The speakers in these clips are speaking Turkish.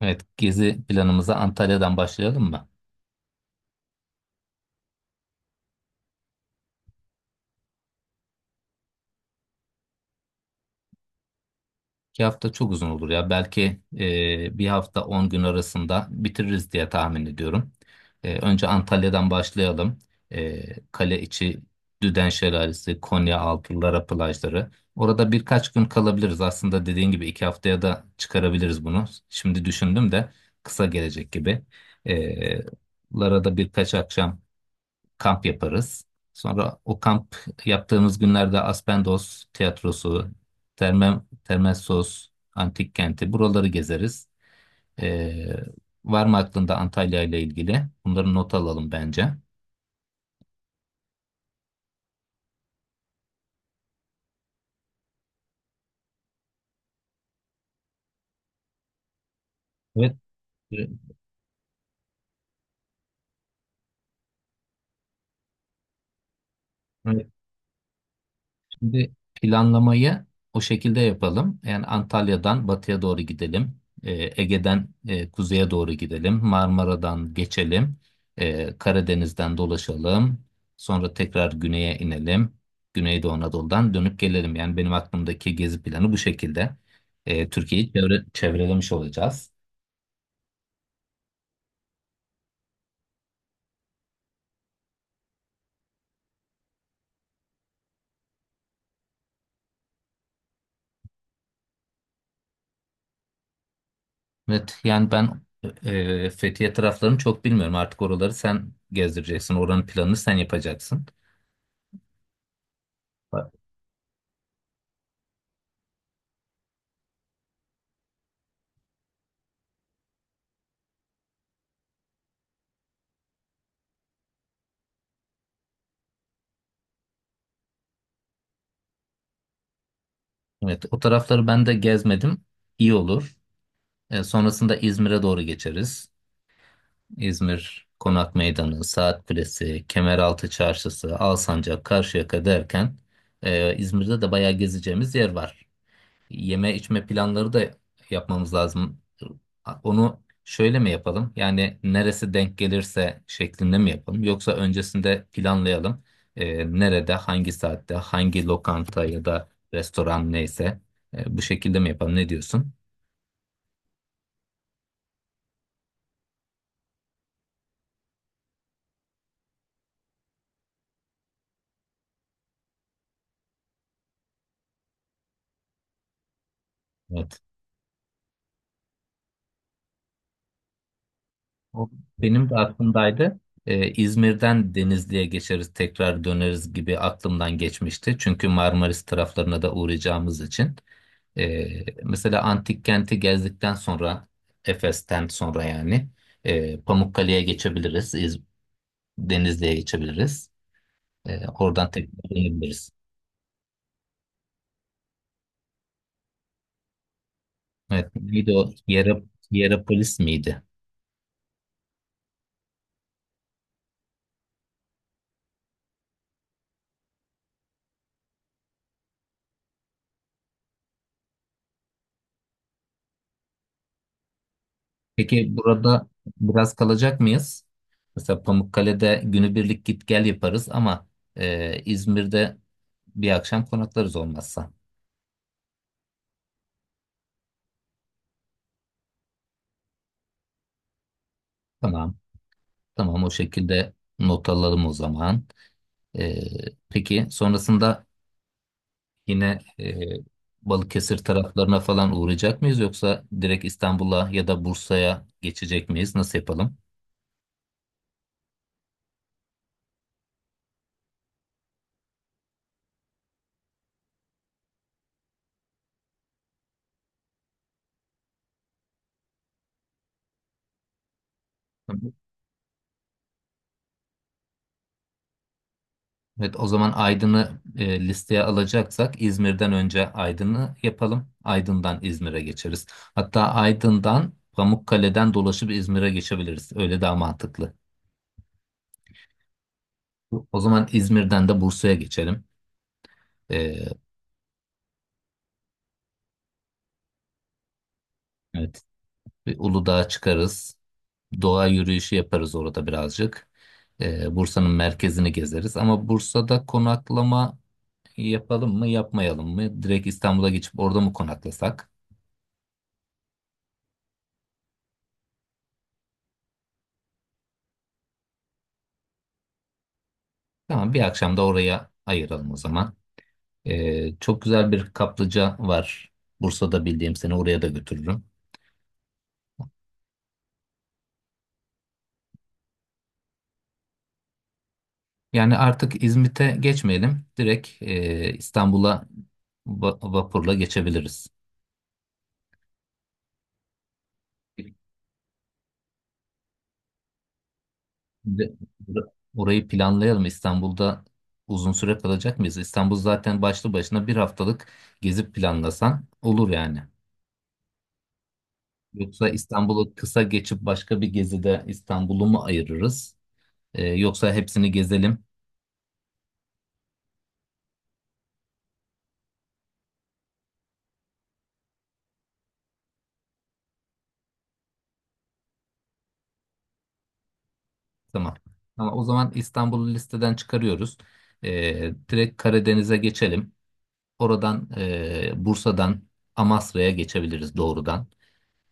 Evet, gezi planımıza Antalya'dan başlayalım mı? 2 hafta çok uzun olur ya. Belki bir hafta 10 gün arasında bitiririz diye tahmin ediyorum. Önce Antalya'dan başlayalım. Kale içi, Düden Şelalesi, Konya Altı, Lara plajları. Orada birkaç gün kalabiliriz. Aslında dediğin gibi 2 haftaya da çıkarabiliriz bunu. Şimdi düşündüm de kısa gelecek gibi. E, Lara'da birkaç akşam kamp yaparız. Sonra o kamp yaptığımız günlerde Aspendos Tiyatrosu, Terme, Termessos, Antik Kenti buraları gezeriz. Ee, var mı aklında Antalya ile ilgili? Bunları not alalım bence. Evet. e, Şimdi planlamayı o şekilde yapalım. Yani Antalya'dan batıya doğru gidelim. Ege'den kuzeye doğru gidelim. Marmara'dan geçelim. Karadeniz'den dolaşalım. Sonra tekrar güneye inelim. Güneydoğu Anadolu'dan dönüp gelelim. Yani benim aklımdaki gezi planı bu şekilde. Türkiye'yi çevrelemiş olacağız. Evet, yani ben Fethiye taraflarını çok bilmiyorum. Artık oraları sen gezdireceksin. Oranın planını sen yapacaksın. Evet, o tarafları ben de gezmedim. İyi olur. Sonrasında İzmir'e doğru geçeriz. İzmir Konak Meydanı, Saat Kulesi, Kemeraltı Çarşısı, Alsancak, Karşıyaka derken İzmir'de de bayağı gezeceğimiz yer var, yeme içme planları da yapmamız lazım. Onu şöyle mi yapalım? Yani neresi denk gelirse şeklinde mi yapalım? Yoksa öncesinde planlayalım. Nerede, hangi saatte, hangi lokanta ya da restoran neyse bu şekilde mi yapalım? Ne diyorsun? Evet. O benim de aklımdaydı. İzmir'den Denizli'ye geçeriz, tekrar döneriz gibi aklımdan geçmişti. Çünkü Marmaris taraflarına da uğrayacağımız için. Mesela antik kenti gezdikten sonra, Efes'ten sonra yani Pamukkale'ye geçebiliriz, Denizli'ye geçebiliriz. Oradan tekrar dönebiliriz. Evet, neydi o? Hierapolis miydi? Peki burada biraz kalacak mıyız? Mesela Pamukkale'de günübirlik git gel yaparız ama İzmir'de bir akşam konaklarız olmazsa. Tamam, tamam o şekilde not alalım o zaman. E, peki sonrasında yine Balıkesir taraflarına falan uğrayacak mıyız yoksa direkt İstanbul'a ya da Bursa'ya geçecek miyiz? Nasıl yapalım? Evet, o zaman Aydın'ı listeye alacaksak İzmir'den önce Aydın'ı yapalım. Aydın'dan İzmir'e geçeriz. Hatta Aydın'dan Pamukkale'den dolaşıp İzmir'e geçebiliriz. Öyle daha mantıklı. O zaman İzmir'den de Bursa'ya geçelim. E, evet, bir Uludağ'a çıkarız. Doğa yürüyüşü yaparız orada birazcık. Bursa'nın merkezini gezeriz. Ama Bursa'da konaklama yapalım mı, yapmayalım mı? Direkt İstanbul'a geçip orada mı konaklasak? Tamam, bir akşam da oraya ayıralım o zaman. Çok güzel bir kaplıca var. Bursa'da bildiğim seni oraya da götürürüm. Yani artık İzmit'e geçmeyelim. Direkt İstanbul'a vapurla geçebiliriz. Şimdi orayı planlayalım. İstanbul'da uzun süre kalacak mıyız? İstanbul zaten başlı başına bir haftalık gezip planlasan olur yani. Yoksa İstanbul'u kısa geçip başka bir gezide İstanbul'u mu ayırırız? Yoksa hepsini gezelim. Tamam. Ama o zaman İstanbul'u listeden çıkarıyoruz. Direkt Karadeniz'e geçelim. Oradan Bursa'dan Amasra'ya geçebiliriz doğrudan.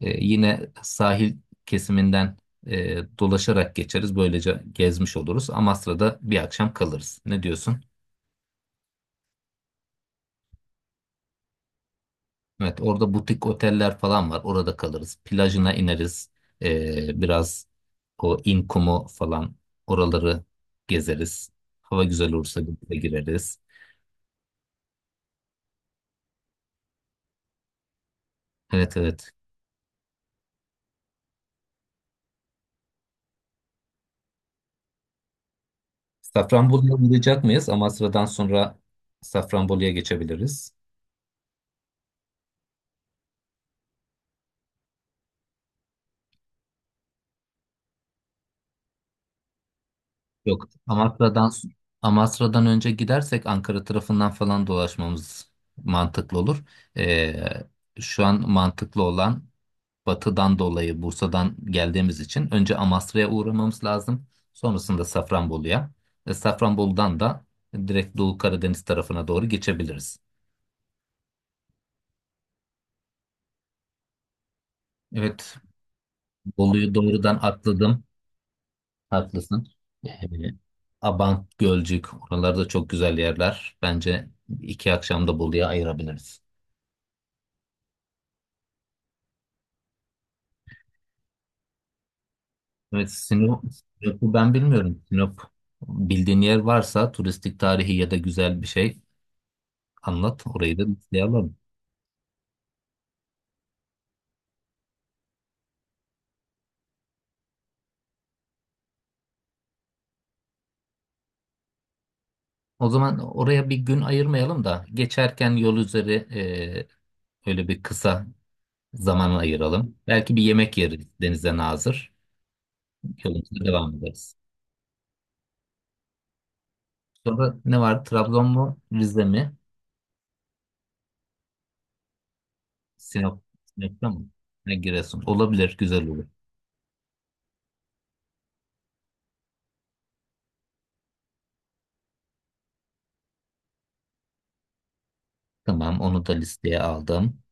Yine sahil kesiminden dolaşarak geçeriz. Böylece gezmiş oluruz. Amasra'da bir akşam kalırız. Ne diyorsun? Evet, orada butik oteller falan var. Orada kalırız. Plajına ineriz. Biraz o İnkumu falan oraları gezeriz. Hava güzel olursa bir gireriz. Evet, evet. Safranbolu'ya uğrayacak mıyız? Amasra'dan sonra Safranbolu'ya geçebiliriz. Yok, Amasra'dan önce gidersek Ankara tarafından falan dolaşmamız mantıklı olur. Ee, şu an mantıklı olan batıdan dolayı Bursa'dan geldiğimiz için önce Amasra'ya uğramamız lazım. Sonrasında Safranbolu'ya. Safranbolu'dan da direkt Doğu Karadeniz tarafına doğru geçebiliriz. Evet, Bolu'yu doğrudan atladım. Haklısın. Ee, Abant, Gölcük oralarda çok güzel yerler. Bence 2 akşamda da Bolu'ya ayırabiliriz. Evet, Sinop'u ben bilmiyorum. Sinop bildiğin yer varsa turistik tarihi ya da güzel bir şey anlat. Orayı da listeleyelim. O zaman oraya bir gün ayırmayalım da geçerken yol üzeri öyle bir kısa zaman ayıralım. Belki bir yemek yeriz denize nazır. Yolumuza devam ederiz. Sonra ne var? Trabzon mu? Rize mi? Sinop, Sinop'ta mı? Ne Giresun. Olabilir, güzel olur. Tamam, onu da listeye aldım.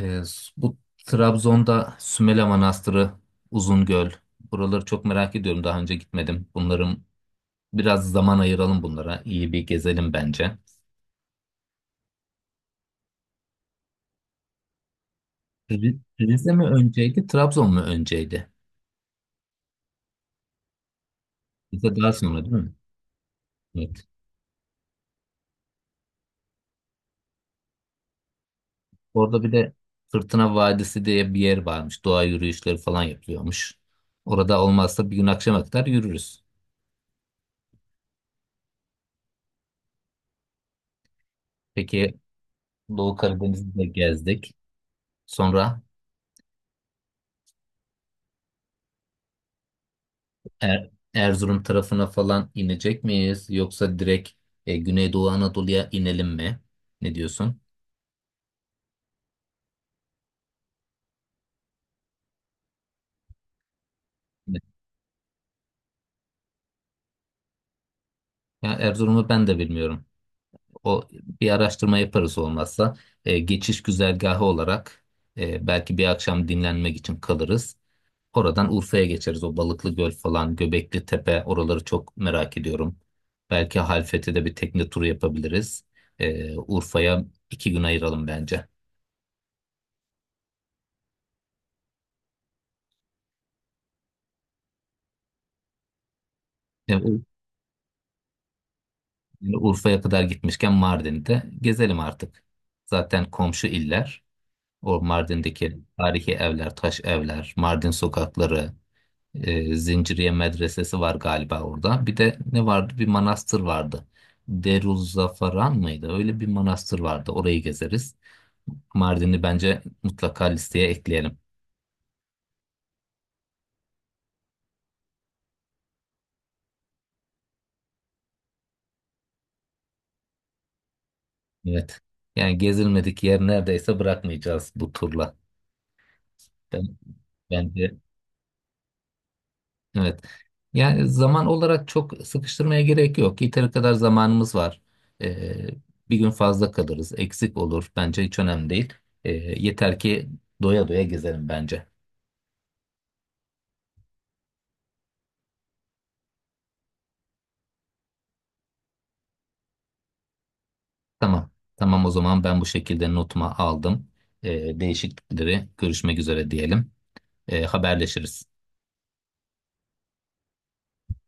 Ee, bu Trabzon'da Sümele Manastırı, Uzungöl. Buraları çok merak ediyorum. Daha önce gitmedim. Bunların biraz zaman ayıralım bunlara. İyi bir gezelim bence. Rize mi önceydi, Trabzon mu önceydi? Rize daha sonra değil mi? Evet. Orada bir de Fırtına Vadisi diye bir yer varmış. Doğa yürüyüşleri falan yapılıyormuş. Orada olmazsa bir gün akşama kadar yürürüz. Peki Doğu Karadeniz'i de gezdik. Sonra Erzurum tarafına falan inecek miyiz? Yoksa direkt Güneydoğu Anadolu'ya inelim mi? Ne diyorsun? Ya Erzurum'u ben de bilmiyorum. O bir araştırma yaparız olmazsa. Geçiş güzergahı olarak belki bir akşam dinlenmek için kalırız. Oradan Urfa'ya geçeriz. O Balıklı Göl falan, Göbekli Tepe oraları çok merak ediyorum. Belki Halfeti'de bir tekne turu yapabiliriz. Urfa'ya 2 gün ayıralım bence. Yani Ur- Yani Urfa'ya kadar gitmişken Mardin'de gezelim artık. Zaten komşu iller. O Mardin'deki tarihi evler, taş evler, Mardin sokakları, Zinciriye Medresesi var galiba orada. Bir de ne vardı? Bir manastır vardı. Deruzzafaran mıydı? Öyle bir manastır vardı. Orayı gezeriz. Mardin'i bence mutlaka listeye ekleyelim. Evet. Yani gezilmedik yer neredeyse bırakmayacağız bu turla. Ben, bence Evet. Yani zaman olarak çok sıkıştırmaya gerek yok. Yeteri kadar zamanımız var. Ee, bir gün fazla kalırız, eksik olur. Bence hiç önemli değil. Yeter ki doya doya gezelim bence. Tamam. Tamam o zaman ben bu şekilde notuma aldım. Değişiklikleri görüşmek üzere diyelim. Haberleşiriz.